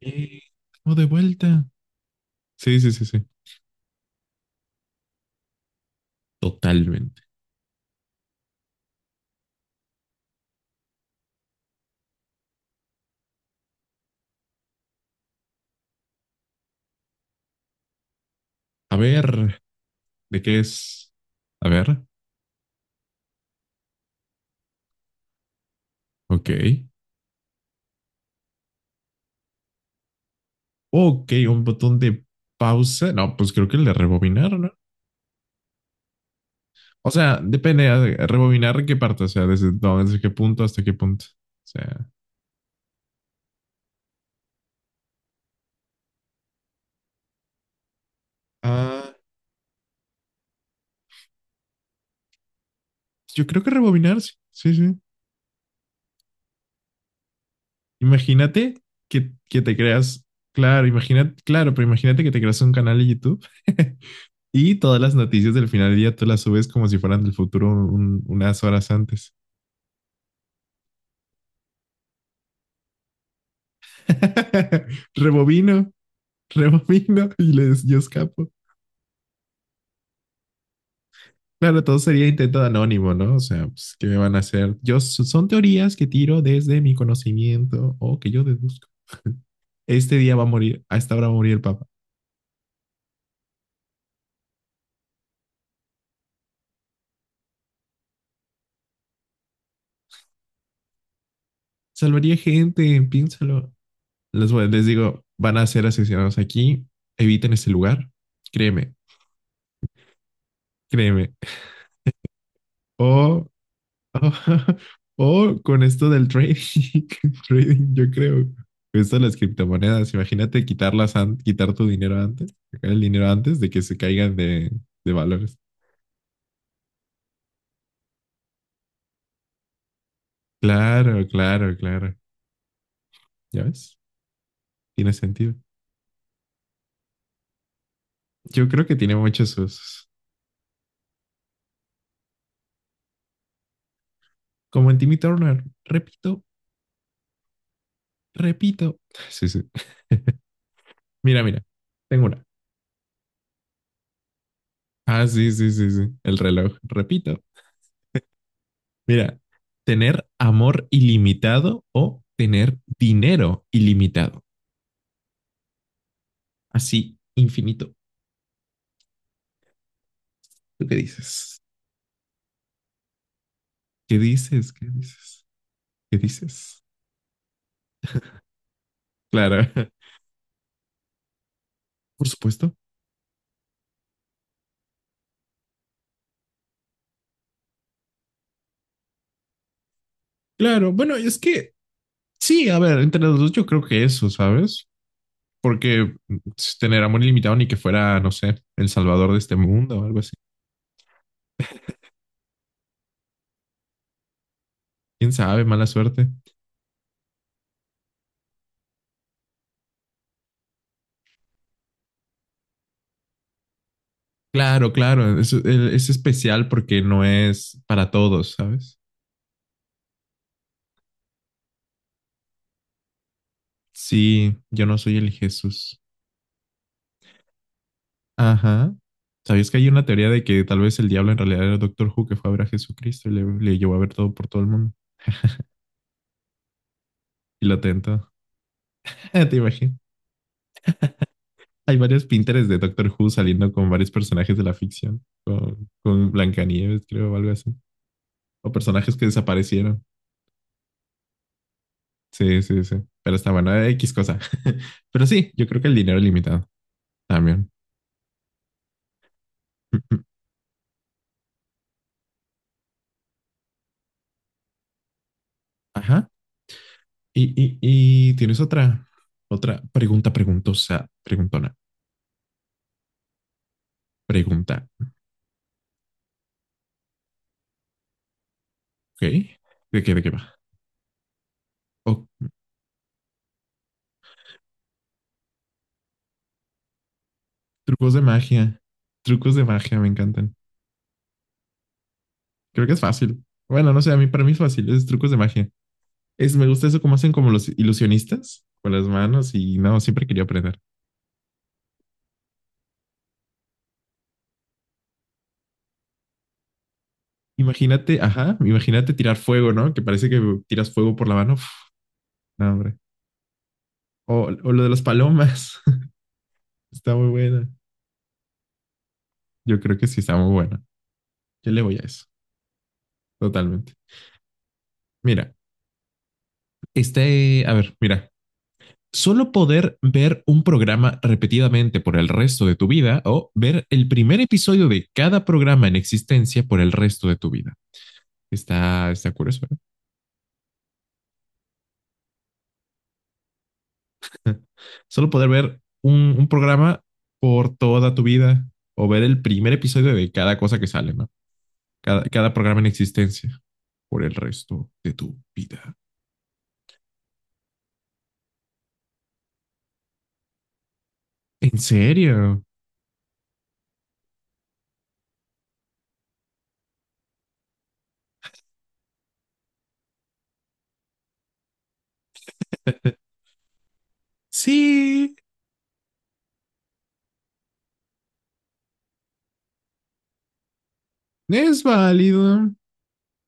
Eh, estamos de vuelta. Sí, sí, sí, sí. Totalmente. A ver, ¿de qué es? A ver, ok. Ok, un botón de pausa. No, pues creo que el de rebobinar, ¿no? O sea, depende rebobinar qué parte, o sea, desde, no, desde qué punto hasta qué punto. O sea, ah, yo creo que rebobinar, sí, sí, sí. Imagínate que te creas, claro, imagínate, claro, pero imagínate que te creas un canal de YouTube Y todas las noticias del final del día tú las subes como si fueran del futuro unas horas antes. Rebobino, rebobino y les, yo escapo. Claro, todo sería intento de anónimo, ¿no? O sea, pues, ¿qué me van a hacer? Yo, son teorías que tiro desde mi conocimiento o que yo deduzco. Este día va a morir, a esta hora va a morir el Papa. Salvaría gente, piénsalo. Les, les digo, van a ser asesinados aquí, eviten ese lugar. Créeme, créeme. O ah, o con esto del trading, trading, yo creo. Esto de las criptomonedas, imagínate quitarlas, quitar tu dinero antes, sacar el dinero antes de que se caigan de valores. Claro, claro, claro. ¿Ya ves? Tiene sentido. Yo creo que tiene muchos usos. Como en Timmy Turner. Repito, repito. Sí, sí. Mira, mira. Tengo una. Ah, sí, sí, sí, sí. El reloj. Repito, mira, tener amor ilimitado o tener dinero ilimitado. Así, infinito. ¿Tú qué dices? ¿Qué dices? ¿Qué dices? ¿Qué dices? Claro, por supuesto. Claro, bueno, es que sí, a ver, entre los dos yo creo que eso, ¿sabes? Porque si tener amor ilimitado ni que fuera, no sé, el salvador de este mundo o algo así. ¿Quién sabe? Mala suerte. Claro, claro, es especial porque no es para todos, ¿sabes? Sí, yo no soy el Jesús. Ajá. ¿Sabías que hay una teoría de que tal vez el diablo en realidad era Doctor Who que fue a ver a Jesucristo y le llevó a ver todo por todo el mundo y lo tentó? Te imagino. Hay varios Pinterest de Doctor Who saliendo con varios personajes de la ficción, con Blancanieves, creo, o algo así. O personajes que desaparecieron. Sí, sí, sí. Pero está bueno, X cosa. Pero sí, yo creo que el dinero es limitado también. Ajá. Y tienes otra, otra pregunta preguntosa, preguntona, pregunta. ¿Ok? ¿De qué va? O trucos de magia. Trucos de magia me encantan. Creo que es fácil. Bueno, no sé, a mí para mí es fácil, es trucos de magia. Es, me gusta eso como hacen como los ilusionistas con las manos y no, siempre quería aprender. Imagínate, ajá, imagínate tirar fuego, ¿no? Que parece que tiras fuego por la mano. Uf, no, hombre. O, o lo de las palomas. Está muy buena. Yo creo que sí está muy buena. Yo le voy a eso, totalmente. Mira, este, a ver, mira. Solo poder ver un programa repetidamente por el resto de tu vida o ver el primer episodio de cada programa en existencia por el resto de tu vida. Está, está curioso, ¿eh? Solo poder ver un programa por toda tu vida o ver el primer episodio de cada cosa que sale, ¿no? Cada, cada programa en existencia por el resto de tu vida. ¿En serio? Sí, es válido.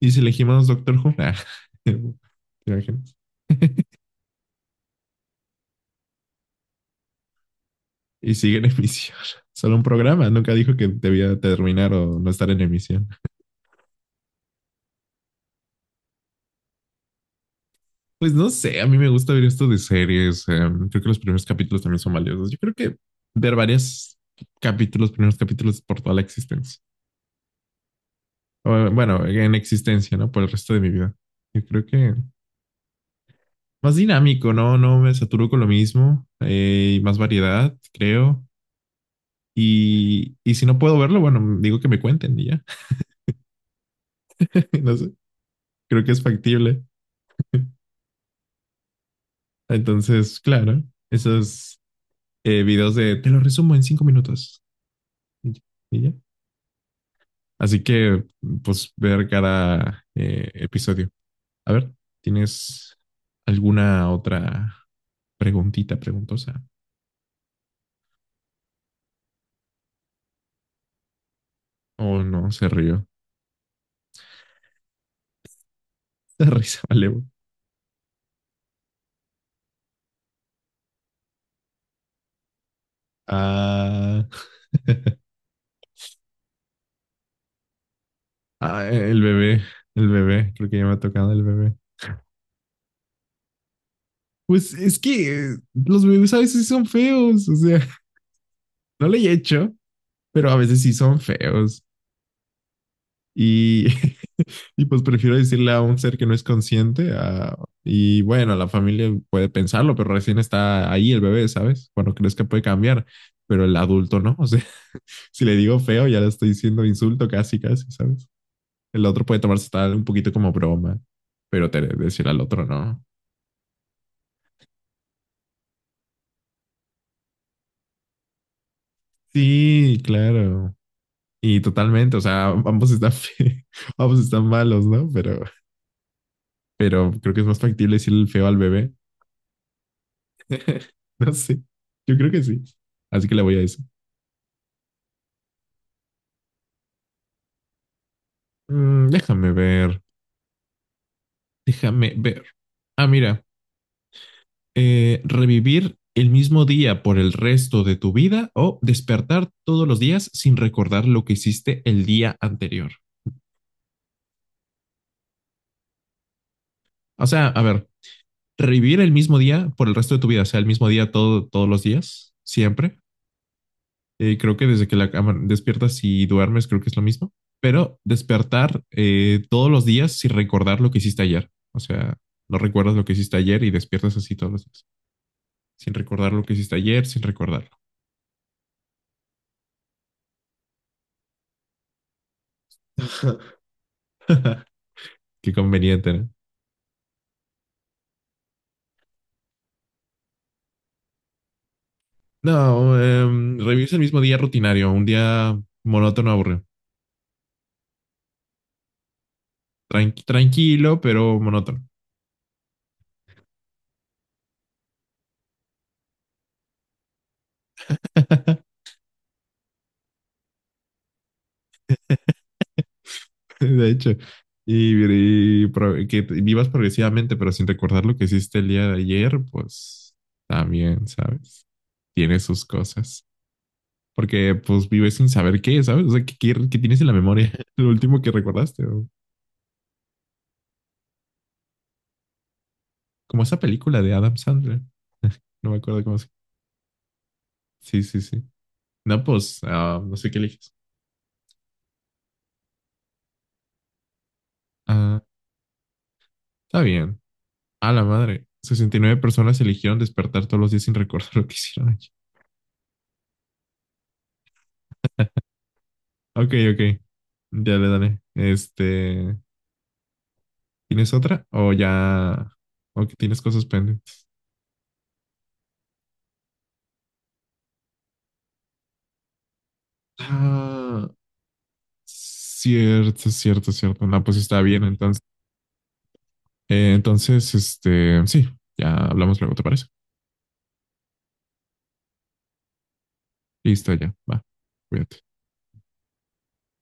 Y si elegimos Doctor Who, nah. ¿Te imaginas? Y sigue en emisión. Solo un programa, nunca dijo que debía terminar o no estar en emisión. Pues no sé, a mí me gusta ver esto de series. Creo que los primeros capítulos también son valiosos. Yo creo que ver varios capítulos, primeros capítulos por toda la existencia. O, bueno, en existencia, ¿no? Por el resto de mi vida. Yo creo que más dinámico, ¿no? No me saturo con lo mismo. Y más variedad, creo. Y si no puedo verlo, bueno, digo que me cuenten y ya. No sé, creo que es factible. Entonces, claro, esos videos de te lo resumo en 5 minutos. Y ya, y ya. Así que, pues, ver cada episodio. A ver, ¿tienes alguna otra preguntita preguntosa? Oh, no, se rió. Se risa, vale. Güey. Ah, ah, el bebé, creo que ya me ha tocado el bebé. Pues es que los bebés a veces sí son feos, o sea, no le he hecho, pero a veces sí son feos. Y, y pues prefiero decirle a un ser que no es consciente. Y bueno, la familia puede pensarlo, pero recién está ahí el bebé, ¿sabes? Cuando crees que puede cambiar, pero el adulto no. O sea, si le digo feo, ya le estoy diciendo insulto casi, casi, ¿sabes? El otro puede tomarse tal un poquito como broma, pero te, decir al otro no. Sí, claro. Y totalmente, o sea, ambos están, ambos están malos, ¿no? Pero creo que es más factible decirle el feo al bebé. No sé. Yo creo que sí. Así que le voy a decir. Mm, déjame ver. Déjame ver. Ah, mira. Revivir el mismo día por el resto de tu vida o despertar todos los días sin recordar lo que hiciste el día anterior. O sea, a ver, revivir el mismo día por el resto de tu vida, o sea, el mismo día todo, todos los días, siempre, creo que desde que despiertas y duermes, creo que es lo mismo. Pero despertar todos los días sin recordar lo que hiciste ayer. O sea, no recuerdas lo que hiciste ayer y despiertas así todos los días. Sin recordar lo que hiciste ayer, sin recordarlo. Qué conveniente, ¿no? No, revives el mismo día rutinario, un día monótono, aburrido. Tranquilo, pero monótono. De hecho. Y, y que vivas progresivamente, pero sin recordar lo que hiciste el día de ayer, pues también, ¿sabes? Tiene sus cosas. Porque pues vives sin saber qué, ¿sabes? O sea, ¿qué, qué tienes en la memoria? Lo último que recordaste. Como esa película de Adam Sandler. No me acuerdo cómo se... Sí, sí, sí. No, pues, ah, no sé qué eliges. Ah, está bien. A la madre. 69 personas eligieron despertar todos los días sin recordar lo que hicieron ayer. Ok, ok. Ya le daré. Este, ¿tienes otra? O ya... O que tienes cosas pendientes. Ah, cierto, cierto, cierto. No, pues está bien. Entonces... entonces, este, sí, ya hablamos luego, ¿te parece? Listo, ya, va, cuídate.